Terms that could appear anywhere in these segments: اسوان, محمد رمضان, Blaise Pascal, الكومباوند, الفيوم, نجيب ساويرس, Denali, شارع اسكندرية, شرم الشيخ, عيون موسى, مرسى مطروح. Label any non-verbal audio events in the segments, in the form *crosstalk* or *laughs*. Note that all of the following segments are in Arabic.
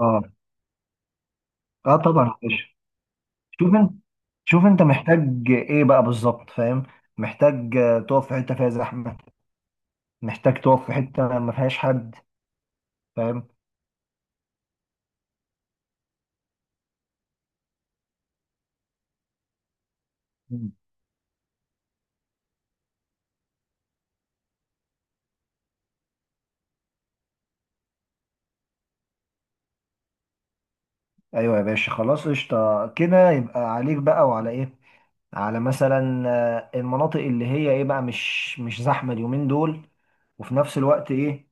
اه اه طبعا يا باشا. شوف انت شوف انت محتاج ايه بقى بالظبط؟ فاهم. محتاج تقف في حته فيها زحمه، محتاج تقف في حته ما فيهاش حد، فاهم؟ مم. ايوه يا باشا، خلاص قشطه كده، يبقى عليك بقى وعلى ايه؟ على مثلا المناطق اللي هي ايه بقى، مش زحمه اليومين دول، وفي نفس الوقت ايه؟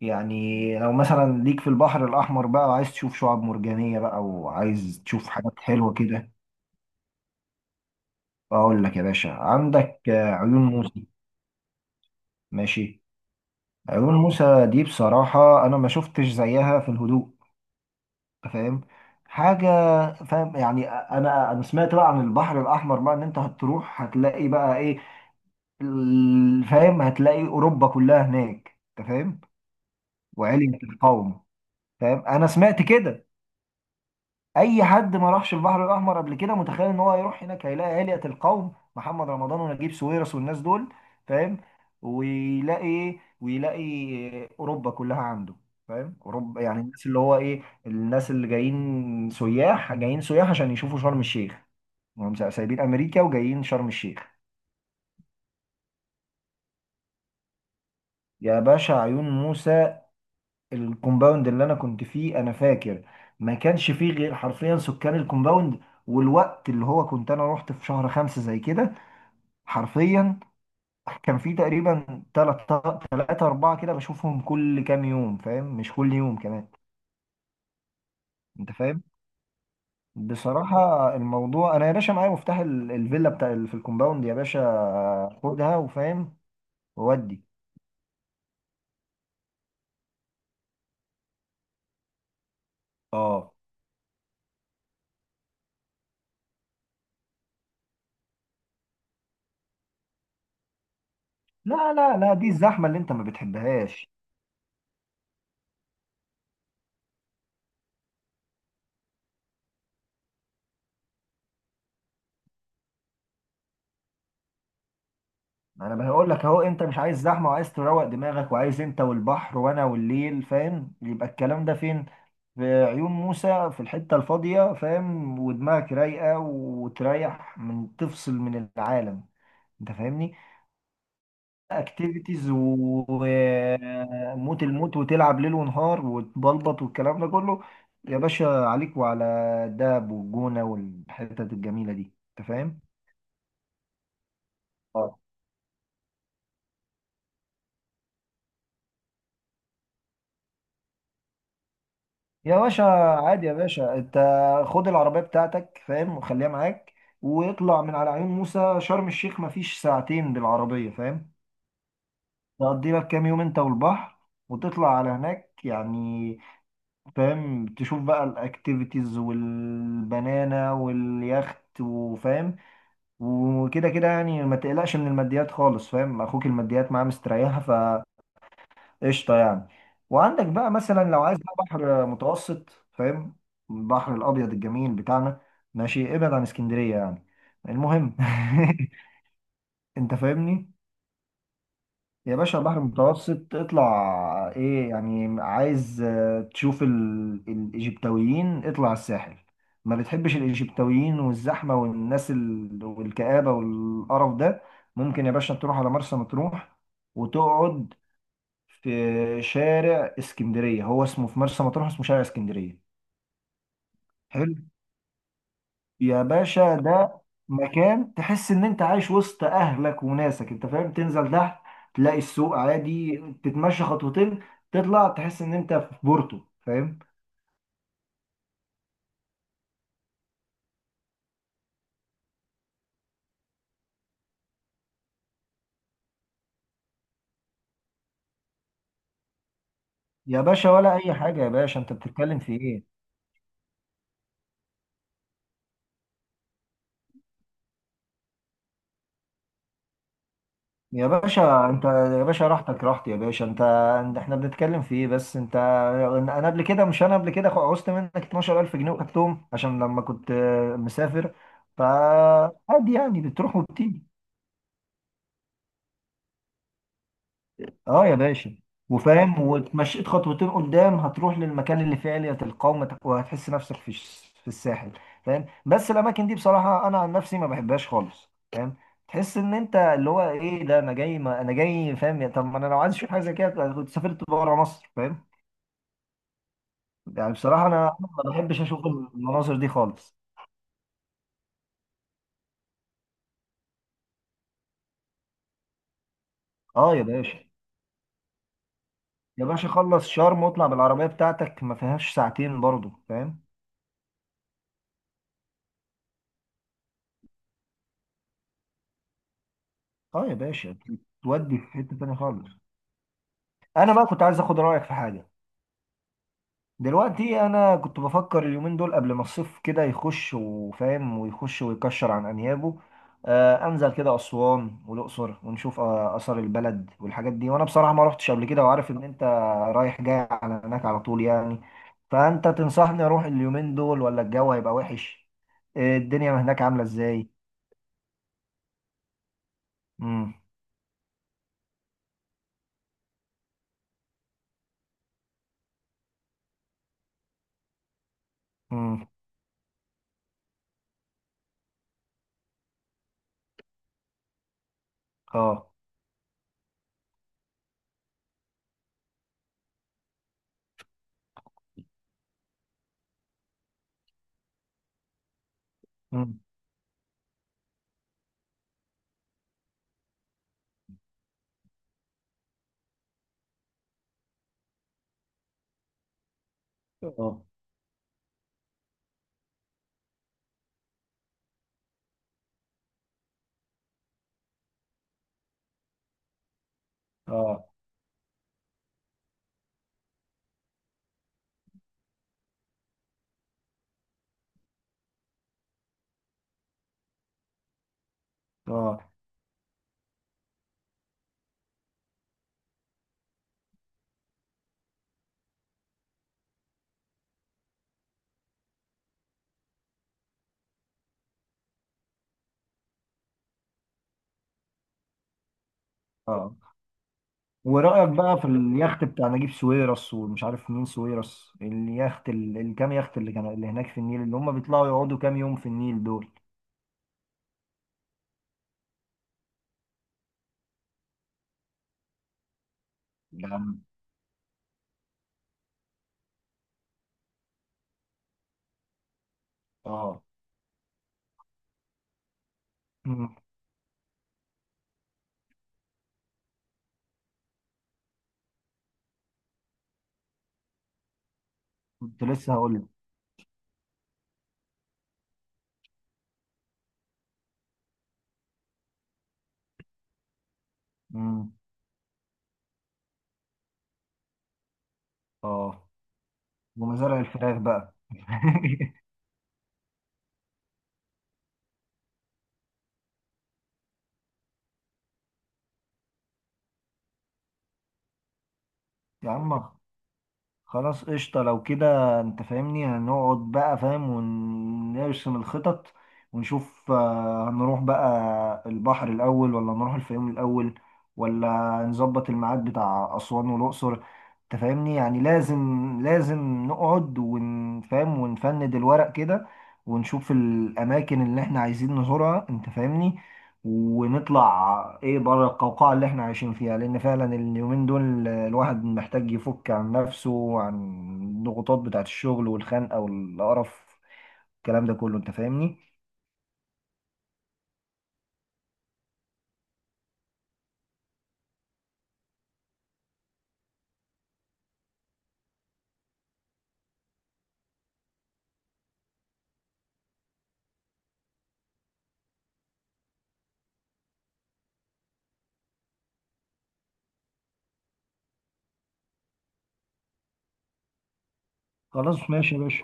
يعني لو مثلا ليك في البحر الاحمر بقى وعايز تشوف شعاب مرجانيه بقى، وعايز تشوف حاجات حلوه كده، اقول لك يا باشا: عندك عيون موسى. ماشي. عيون موسى دي بصراحة انا ما شفتش زيها في الهدوء. أنت فاهم؟ حاجة. فاهم يعني، انا سمعت بقى عن البحر الاحمر بقى، ان انت هتروح هتلاقي بقى ايه، فاهم، هتلاقي اوروبا كلها هناك. انت فاهم؟ وعلية القوم. فاهم، انا سمعت كده. اي حد ما راحش البحر الاحمر قبل كده متخيل ان هو هيروح هناك هيلاقي هيئة القوم، محمد رمضان ونجيب ساويرس والناس دول. فاهم؟ ويلاقي ايه؟ ويلاقي اوروبا كلها عنده. فاهم؟ اوروبا، يعني الناس اللي هو ايه، الناس اللي جايين سياح، جايين سياح عشان يشوفوا شرم الشيخ. هم سايبين امريكا وجايين شرم الشيخ. يا باشا، عيون موسى. الكومباوند اللي انا كنت فيه انا فاكر ما كانش فيه غير حرفيا سكان الكومباوند. والوقت اللي هو كنت انا رحت في شهر خمسة زي كده، حرفيا كان في تقريبا تلاتة تلاتة أربعة كده بشوفهم كل كام يوم، فاهم؟ مش كل يوم كمان. أنت فاهم؟ بصراحة الموضوع، أنا يا باشا معايا مفتاح الفيلا بتاع في الكومباوند يا باشا، خدها وفاهم، وودي. أه لا لا لا، دي الزحمة اللي أنت ما بتحبهاش. انا بقول لك اهو، انت مش عايز زحمه، وعايز تروق دماغك، وعايز انت والبحر وانا والليل، فاهم؟ يبقى الكلام ده فين؟ في عيون موسى، في الحته الفاضيه، فاهم، ودماغك رايقه، وتريح، من تفصل من العالم. انت فاهمني؟ اكتيفيتيز وموت الموت، وتلعب ليل ونهار وتبلبط والكلام ده كله. يا باشا عليك وعلى الدهب والجونه والحتت الجميله دي. انت فاهم؟ يا باشا عادي يا باشا انت، خد العربية بتاعتك، فاهم، وخليها معاك، واطلع من على عيون موسى شرم الشيخ مفيش ساعتين بالعربية، فاهم، تقضي لك كام يوم انت والبحر، وتطلع على هناك يعني. فاهم؟ تشوف بقى الاكتيفيتيز والبنانة واليخت، وفاهم، وكده كده يعني. ما تقلقش من الماديات خالص، فاهم، اخوك الماديات معاه مستريحة، قشطه يعني. وعندك بقى مثلا لو عايز بقى بحر متوسط، فاهم، البحر الابيض الجميل بتاعنا، ماشي، ابعد عن اسكندريه يعني. المهم *laughs* انت فاهمني. يا باشا البحر المتوسط اطلع، ايه يعني، عايز تشوف الايجيبتويين؟ اطلع الساحل. ما بتحبش الايجيبتويين والزحمه والناس والكآبه والقرف ده، ممكن يا باشا تروح على مرسى مطروح، وتقعد في شارع اسكندرية، هو اسمه في مرسى مطروح اسمه شارع اسكندرية. حلو. يا باشا، ده مكان تحس ان انت عايش وسط اهلك وناسك. انت فاهم؟ تنزل تحت تلاقي السوق عادي، تتمشى خطوتين، تطلع تحس ان انت في بورتو، فاهم؟ يا باشا ولا اي حاجة، يا باشا انت بتتكلم في ايه؟ يا باشا انت، يا باشا راحتك راحت يا باشا، انت- احنا بنتكلم في ايه بس انت؟ انا قبل كده، مش انا قبل كده عوزت منك 12000 جنيه وخدتهم عشان لما كنت مسافر، فعادي يعني بتروح وبتيجي. اه يا باشا، وفاهم، واتمشيت خطوتين قدام هتروح للمكان اللي فيه علية القوم، وهتحس نفسك في في الساحل، فاهم؟ بس الاماكن دي بصراحة انا عن نفسي ما بحبهاش خالص، فاهم، تحس ان انت اللي هو ايه، ده انا جاي، ما انا جاي، فاهم؟ طب ما انا لو عايز اشوف حاجه زي كده كنت سافرت بره مصر، فاهم؟ يعني بصراحه انا، أنا ما بحبش اشوف المناظر دي خالص. اه يا باشا. يا باشا، خلص شرم واطلع بالعربيه بتاعتك ما فيهاش ساعتين برضه، فاهم؟ اه يا باشا، تودي في حته تانيه خالص. انا بقى كنت عايز اخد رايك في حاجه. دلوقتي انا كنت بفكر اليومين دول، قبل ما الصيف كده يخش وفاهم، ويخش ويكشر عن انيابه، آه انزل كده اسوان والاقصر، ونشوف آه اثار البلد والحاجات دي، وانا بصراحه ما رحتش قبل كده، وعارف ان انت رايح جاي على هناك على طول يعني. فانت تنصحني اروح اليومين دول ولا الجو هيبقى وحش؟ آه الدنيا هناك عامله ازاي؟ امم. امم. اه. امم. اه. اه. اه. اه. ورأيك بقى في اليخت بتاع نجيب ساويرس ومش عارف مين ساويرس، اليخت الكام يخت اللي كان اللي هناك في النيل، اللي هم بيطلعوا يقعدوا كام يوم في النيل دول؟ نعم. اه. مم. كنت لسه هقول لك. مم. اه. ومزارع الفراخ بقى *laughs* يا عم خلاص قشطة، لو كده انت فاهمني، هنقعد بقى، فاهم، ونرسم الخطط، ونشوف هنروح بقى البحر الأول ولا نروح الفيوم الأول، ولا نظبط الميعاد بتاع أسوان والأقصر. انت فاهمني يعني؟ لازم لازم نقعد ونفهم ونفند الورق كده، ونشوف الأماكن اللي احنا عايزين نزورها. انت فاهمني؟ ونطلع ايه بره القوقعة اللي احنا عايشين فيها، لان فعلا اليومين دول الواحد محتاج يفك عن نفسه، وعن الضغوطات بتاعت الشغل والخنقة والقرف، الكلام ده كله انت فاهمني. خلاص ماشي يا باشا.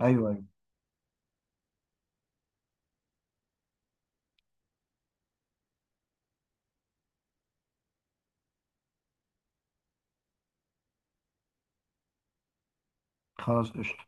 ايوه ايوه. خلاص قشطة،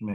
ماشي.